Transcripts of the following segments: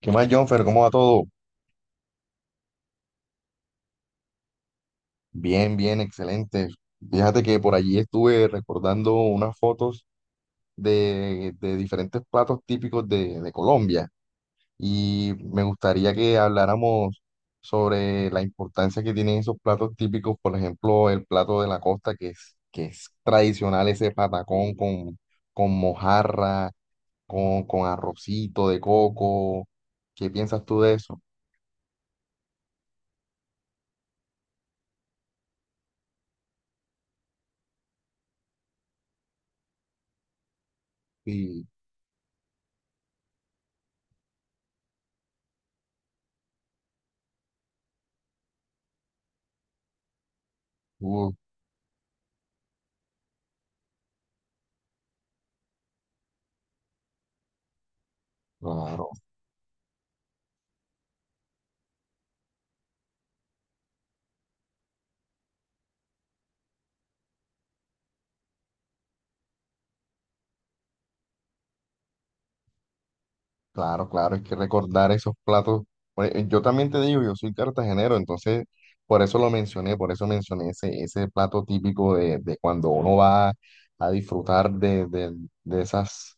¿Qué más, Jonfer? ¿Cómo va todo? Bien, bien, excelente. Fíjate que por allí estuve recordando unas fotos de diferentes platos típicos de Colombia y me gustaría que habláramos sobre la importancia que tienen esos platos típicos, por ejemplo, el plato de la costa, que es tradicional, ese patacón con mojarra, con arrocito de coco. ¿Qué piensas tú de eso? Sí, uh, claro. Claro, claro, hay que recordar esos platos. Pues, yo también te digo, yo soy cartagenero, entonces por eso lo mencioné, por eso mencioné ese plato típico de cuando uno va a disfrutar de, de esas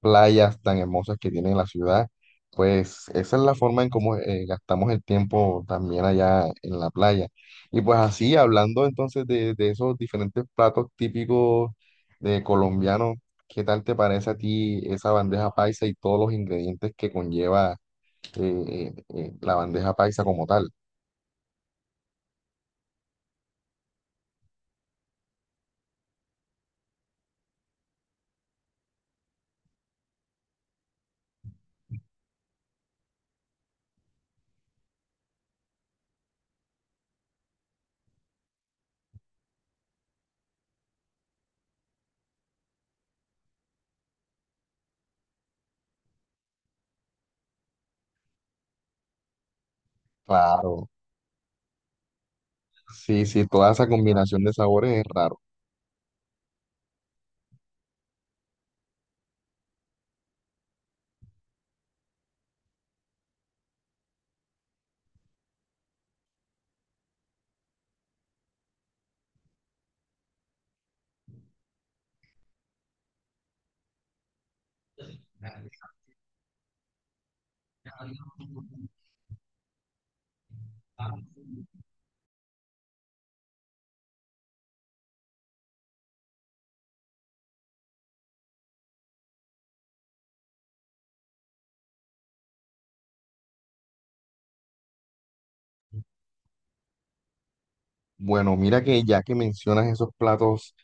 playas tan hermosas que tiene la ciudad, pues esa es la forma en cómo gastamos el tiempo también allá en la playa. Y pues así, hablando entonces de esos diferentes platos típicos de colombianos, ¿qué tal te parece a ti esa bandeja paisa y todos los ingredientes que conlleva la bandeja paisa como tal? Claro, sí, sí, toda esa combinación de sabores es raro. Bueno, mira que ya que mencionas esos platos,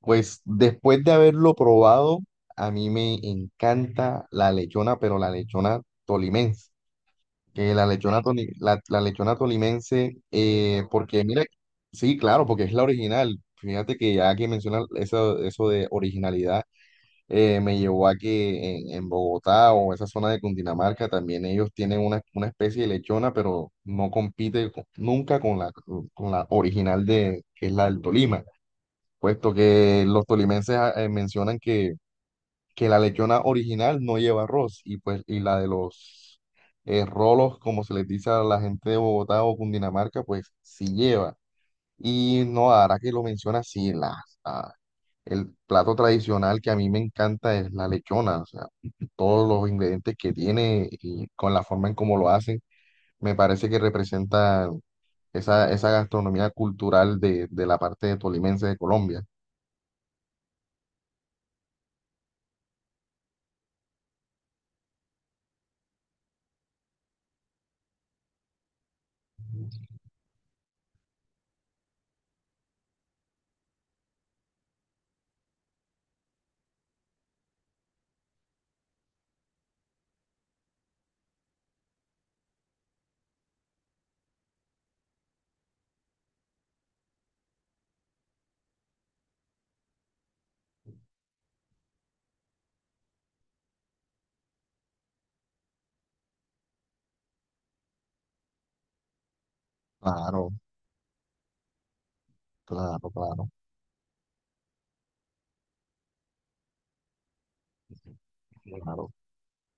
pues después de haberlo probado, a mí me encanta la lechona, pero la lechona tolimense. Que la lechona, la, la lechona tolimense, porque mira, sí, claro, porque es la original. Fíjate que ya que mencionas eso, eso de originalidad, me llevó a que en Bogotá o esa zona de Cundinamarca también ellos tienen una especie de lechona, pero no compite nunca con la, con la original de, que es la del Tolima, puesto que los tolimenses mencionan que la lechona original no lleva arroz y pues y la de los rolos, como se les dice a la gente de Bogotá o Cundinamarca, pues sí lleva. Y no, ahora que lo mencionas, sí, ah, el plato tradicional que a mí me encanta es la lechona, o sea, todos los ingredientes que tiene y con la forma en cómo lo hacen, me parece que representa esa, esa gastronomía cultural de la parte tolimense de Colombia. Claro, claro, claro, claro.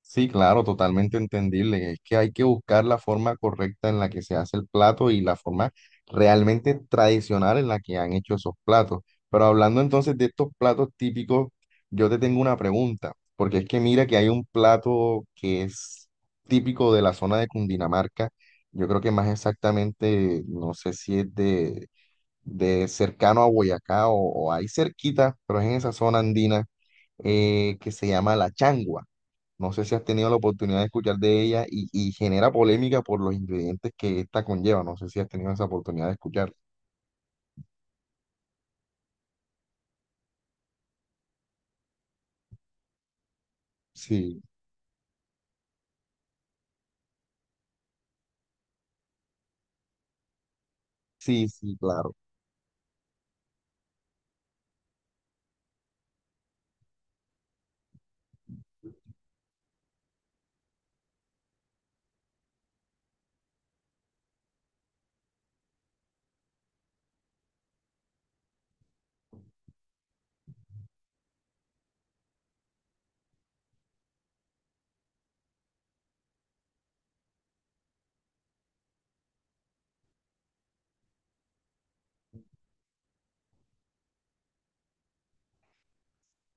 Sí, claro, totalmente entendible. Es que hay que buscar la forma correcta en la que se hace el plato y la forma realmente tradicional en la que han hecho esos platos. Pero hablando entonces de estos platos típicos, yo te tengo una pregunta, porque es que mira que hay un plato que es típico de la zona de Cundinamarca. Yo creo que más exactamente, no sé si es de cercano a Boyacá o ahí cerquita, pero es en esa zona andina, que se llama la changua. No sé si has tenido la oportunidad de escuchar de ella y genera polémica por los ingredientes que esta conlleva. No sé si has tenido esa oportunidad de escuchar. Sí, sí, sí, claro.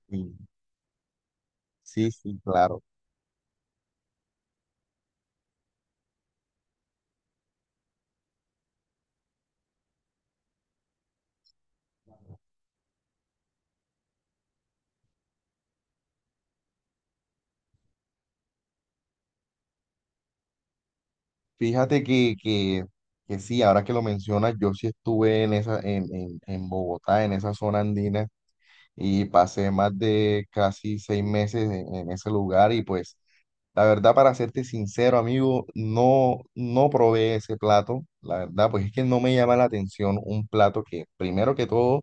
Sí, sí, sí, claro. Fíjate que sí, ahora que lo mencionas, yo sí estuve en esa, en Bogotá, en esa zona andina, y pasé más de casi 6 meses en ese lugar y pues la verdad, para serte sincero, amigo, no, no probé ese plato. La verdad, pues es que no me llama la atención un plato que, primero que todo,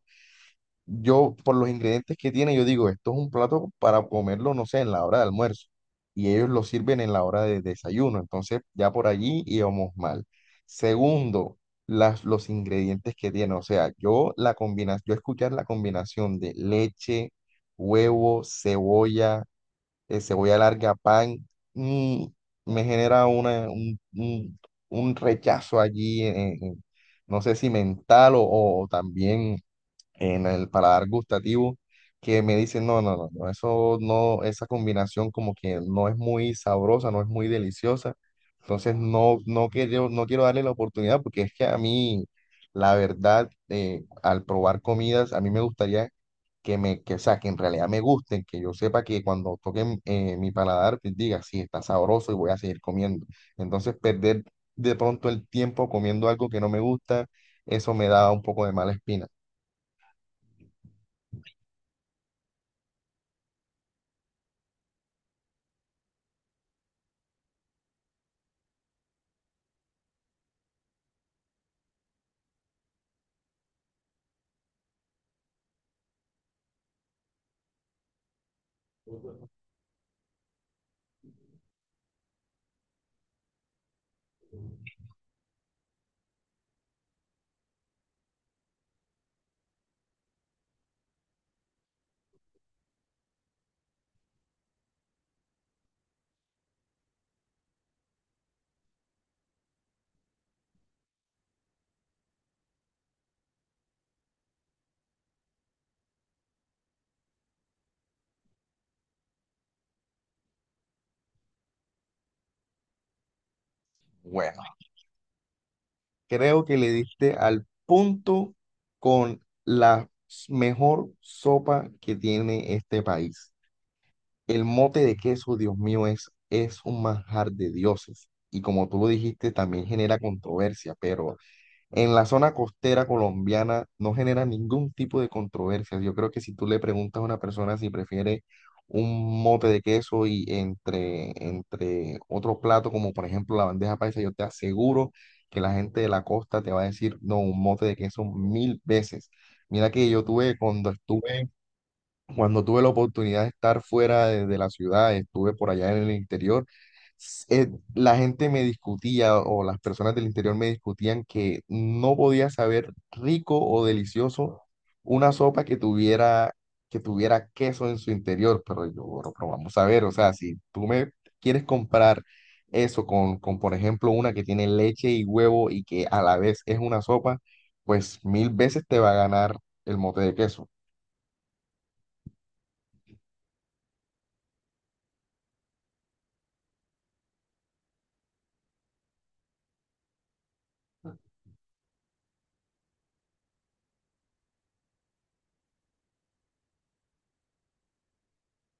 yo por los ingredientes que tiene, yo digo, esto es un plato para comerlo, no sé, en la hora de almuerzo. Y ellos lo sirven en la hora de desayuno. Entonces, ya por allí íbamos mal. Segundo, los ingredientes que tiene. O sea, yo la combinación, yo escuchar la combinación de leche, huevo, cebolla, cebolla larga, pan, mm, me genera una, un rechazo allí, en- no sé si mental o también en el paladar gustativo que me dicen, no, no, no, no, eso no, esa combinación como que no es muy sabrosa, no es muy deliciosa. Entonces no, no quiero, no quiero darle la oportunidad porque es que a mí, la verdad, al probar comidas, a mí me gustaría que me, que, o sea, que en realidad me gusten, que yo sepa que cuando toquen mi paladar, pues diga, sí, está sabroso y voy a seguir comiendo. Entonces perder de pronto el tiempo comiendo algo que no me gusta, eso me da un poco de mala espina. Bueno. Creo que le diste al punto con la mejor sopa que tiene este país. El mote de queso, Dios mío, es un manjar de dioses. Y como tú lo dijiste, también genera controversia, pero en la zona costera colombiana no genera ningún tipo de controversia. Yo creo que si tú le preguntas a una persona si prefiere un mote de queso y entre otro plato, como por ejemplo la bandeja paisa, yo te aseguro que la gente de la costa te va a decir, no, un mote de queso mil veces. Mira que yo tuve cuando estuve cuando tuve la oportunidad de estar fuera de la ciudad, estuve por allá en el interior, s- eh, la gente me discutía o las personas del interior me discutían que no podía saber rico o delicioso una sopa que tuviera queso en su interior. Pero yo, bueno, pero vamos a ver, o sea, si tú me quieres comprar eso con, por ejemplo, una que tiene leche y huevo y que a la vez es una sopa, pues mil veces te va a ganar el mote de queso.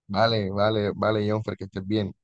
Vale, vale, vale, Jonfer, que estés bien.